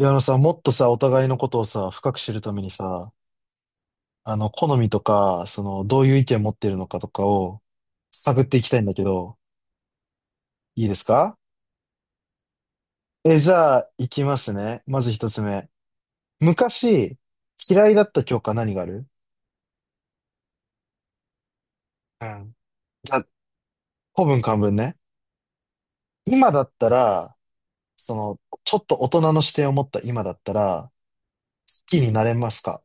いや、あのさ、もっとさ、お互いのことをさ、深く知るためにさ、好みとか、どういう意見を持ってるのかとかを探っていきたいんだけど、いいですか？じゃあ、いきますね。まず一つ目。昔、嫌いだった教科何がある？うん。じゃあ、古文漢文ね。今だったら、その、ちょっと大人の視点を持った今だったら、好きになれますか？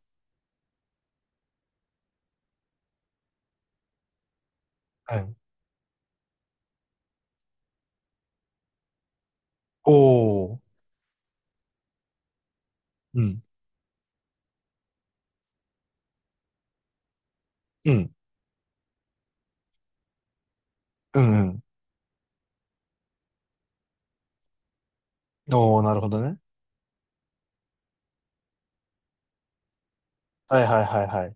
うん。おー。うん。うん。うんうん。おー、なるほどね。はいはいはいはい。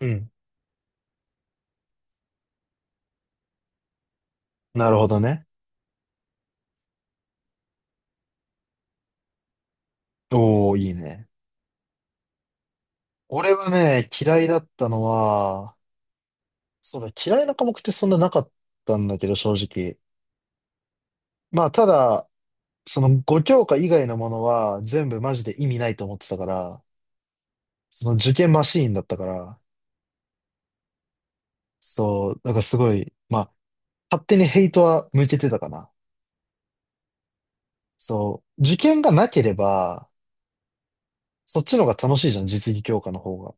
うん、なるほどね。おお、いいね。俺はね、嫌いだったのは、そうだ、嫌いな科目ってそんななかったんだけど、正直。まあ、ただ、その5教科以外のものは全部マジで意味ないと思ってたから、その受験マシーンだったから、そう、だからすごい、まあ、勝手にヘイトは向けてたかな。そう、受験がなければ、そっちの方が楽しいじゃん、実技教科の方が。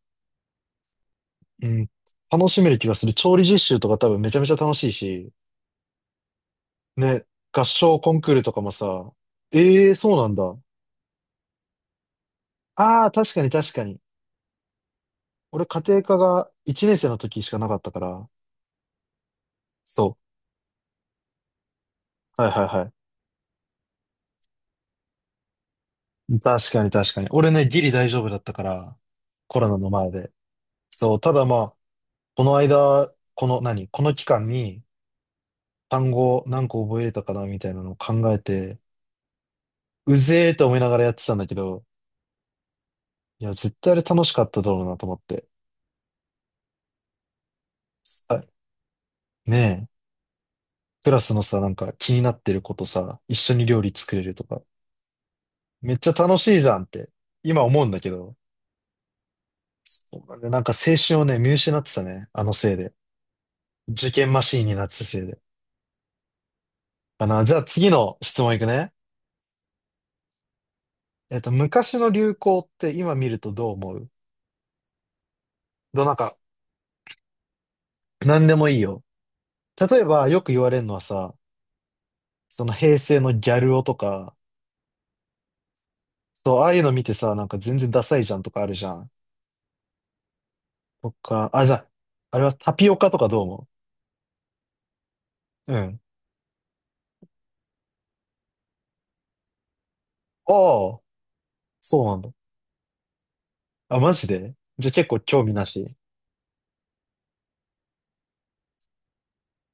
うん、楽しめる気がする。調理実習とか多分めちゃめちゃ楽しいし、ね、合唱コンクールとかもさ、ええ、そうなんだ。ああ、確かに確かに。俺、家庭科が1年生の時しかなかったから、そう。はいはいはい。確かに確かに。俺ね、ギリ大丈夫だったから、コロナの前で。そう、ただまあ、この間、この期間に単語何個覚えれたかなみたいなのを考えて、うぜーと思いながらやってたんだけど、いや、絶対あれ楽しかっただろうなと思って。はい、ねえ。クラスのさ、なんか気になってることさ、一緒に料理作れるとか、めっちゃ楽しいじゃんって、今思うんだけど、そうなんだよ。なんか青春をね、見失ってたね、あのせいで。受験マシーンになってたせいで。かな。じゃあ次の質問いくね。昔の流行って今見るとどう思う？どう、なんか、なんでもいいよ。例えば、よく言われるのはさ、その平成のギャル男とか、そう、ああいうの見てさ、なんか全然ダサいじゃんとかあるじゃん。とか、あ、じゃあ、あれはタピオカとかどう思ううん。おー、そうなんだ。あ、マジでじゃあ結構興味なし。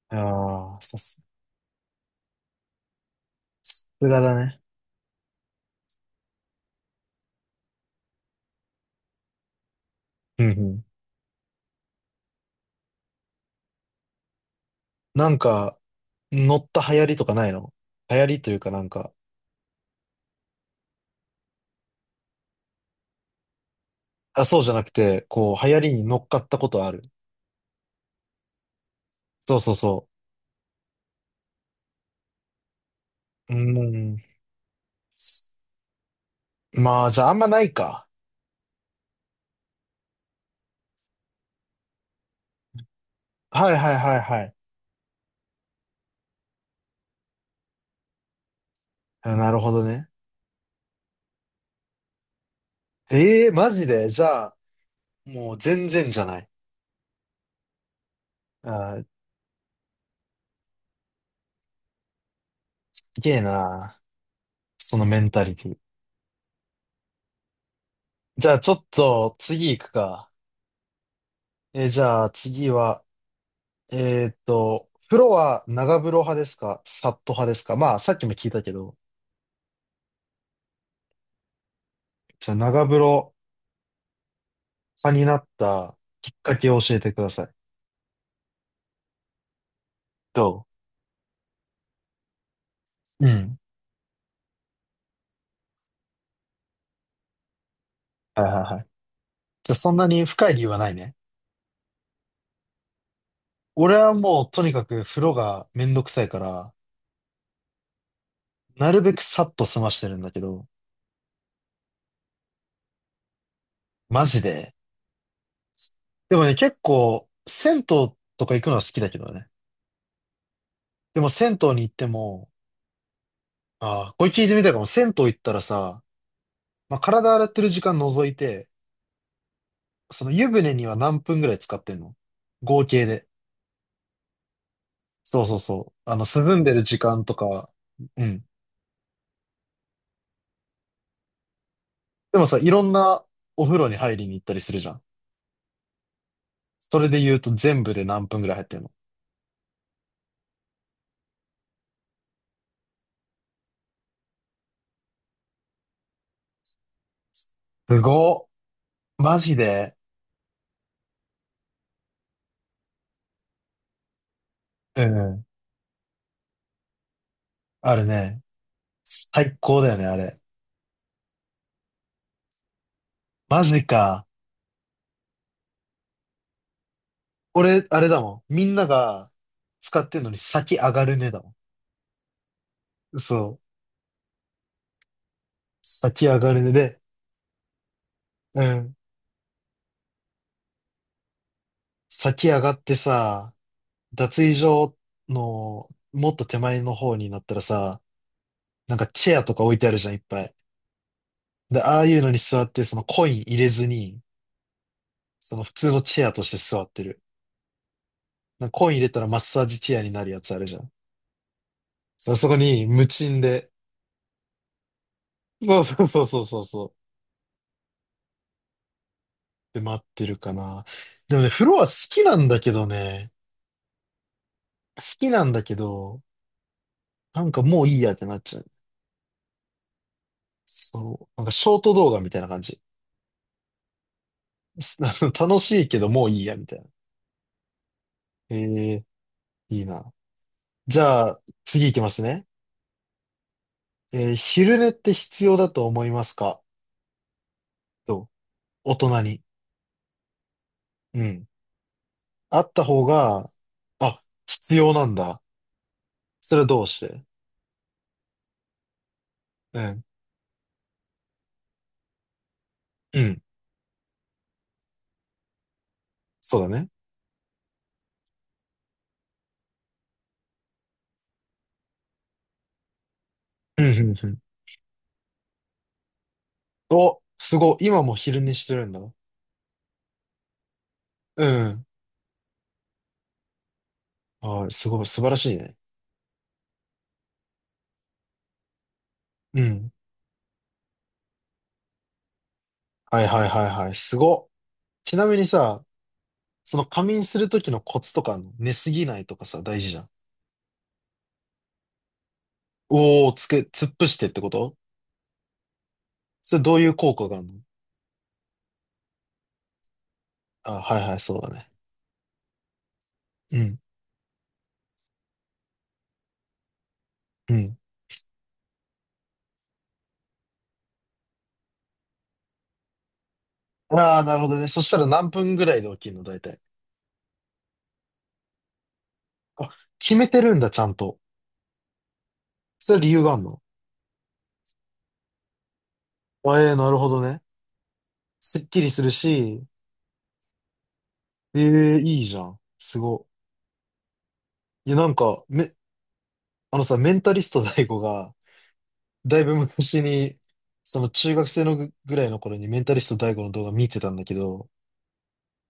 ああ、さすがだね。うんうん。なんか、乗った流行りとかないの？流行りというかなんか、あ、そうじゃなくて、こう、流行りに乗っかったことある？そうそうそう。うん。まあ、じゃああんまないか。はいはいはいはい。あ、なるほどね。ええ、マジでじゃあ、もう全然じゃない。あー、すげえな。そのメンタリティ。じゃあちょっと次行くか。じゃあ次は、風呂は長風呂派ですかサット派ですか？まあ、さっきも聞いたけど、じゃあ長風呂派になったきっかけを教えてください。どう、うん。はいはいはい。じゃあそんなに深い理由はないね。俺はもうとにかく風呂がめんどくさいから、なるべくさっと済ましてるんだけど、マジで。でもね、結構、銭湯とか行くのは好きだけどね。でも銭湯に行っても、ああ、これ聞いてみたいかも。銭湯行ったらさ、まあ、体洗ってる時間除いて、その湯船には何分ぐらい使ってんの？合計で。そうそうそう。涼んでる時間とか、うん。でもさ、いろんなお風呂に入りに行ったりするじゃん。それで言うと全部で何分ぐらい入ってんの？すごっ。マジで。うん。あるね。最高だよね、あれ。マジか。俺、あれだもん。みんなが使ってんのに先上がるねだもん。そう。先上がるねで、うん。先上がってさ、脱衣所のもっと手前の方になったらさ、なんかチェアとか置いてあるじゃん、いっぱい。で、ああいうのに座って、そのコイン入れずに、その普通のチェアとして座ってる。なんかコイン入れたらマッサージチェアになるやつあるじゃん。そう、そこに無賃で。そうそうそうそうそうそう。で、待ってるかな。でもね、風呂は好きなんだけどね。好きなんだけど、なんかもういいやってなっちゃう。そう。なんかショート動画みたいな感じ。楽しいけどもういいや、みたいな。ええ、いいな。じゃあ、次行きますね。昼寝って必要だと思いますか？と、大人に。うん。あった方が、あ、必要なんだ。それはどうして？うん。うん。そうだね。うん、うん、うん。お、すごい。今も昼寝してるんだ。うん。はい、すごい。素晴らしいね。うん。はい、はい、はい、はい。すごっ。ちなみにさ、その仮眠するときのコツとかあんの？寝すぎないとかさ、大事じゃん。おー、突っ伏してってこと？それどういう効果があるの？あ、はいはい、そうだね。うん、うん。ああ、なるほどね。そしたら何分ぐらいで起きるの、大体。あ、決めてるんだ、ちゃんと。それ理由があんの？あ、ええ、なるほどね。すっきりするし、ええ、いいじゃん。すごい。いや、なんか、あのさ、メンタリスト大悟が、だいぶ昔に、その中学生のぐらいの頃にメンタリスト大悟の動画見てたんだけど、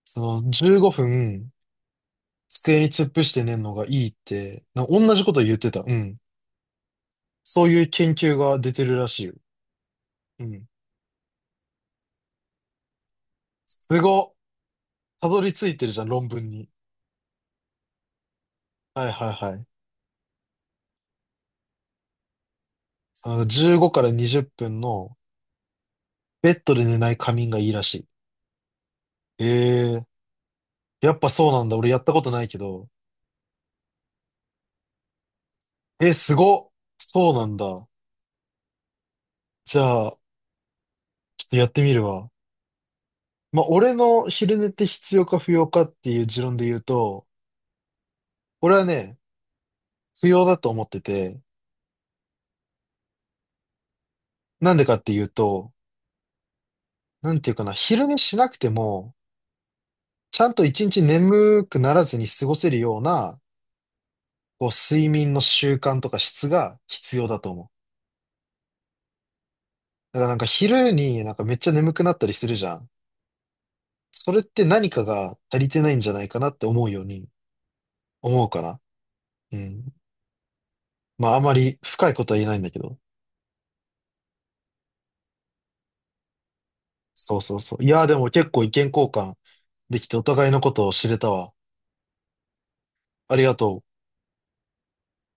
その15分机に突っ伏して寝るのがいいって、同じこと言ってた。うん。そういう研究が出てるらしいよ。うん。すごっ。たどり着いてるじゃん、論文に。はいはいはい。15から20分のベッドで寝ない仮眠がいいらしい。ええ、やっぱそうなんだ。俺やったことないけど。すごっ。そうなんだ。じゃあ、ちょっとやってみるわ。まあ、俺の昼寝って必要か不要かっていう持論で言うと、俺はね、不要だと思ってて、なんでかっていうと、なんていうかな、昼寝しなくても、ちゃんと一日眠くならずに過ごせるようなこう、睡眠の習慣とか質が必要だと思う。だからなんか昼になんかめっちゃ眠くなったりするじゃん。それって何かが足りてないんじゃないかなって思うように思うかな。うん。まああまり深いことは言えないんだけど。そうそうそう。いやーでも結構意見交換できてお互いのことを知れたわ。ありがとう。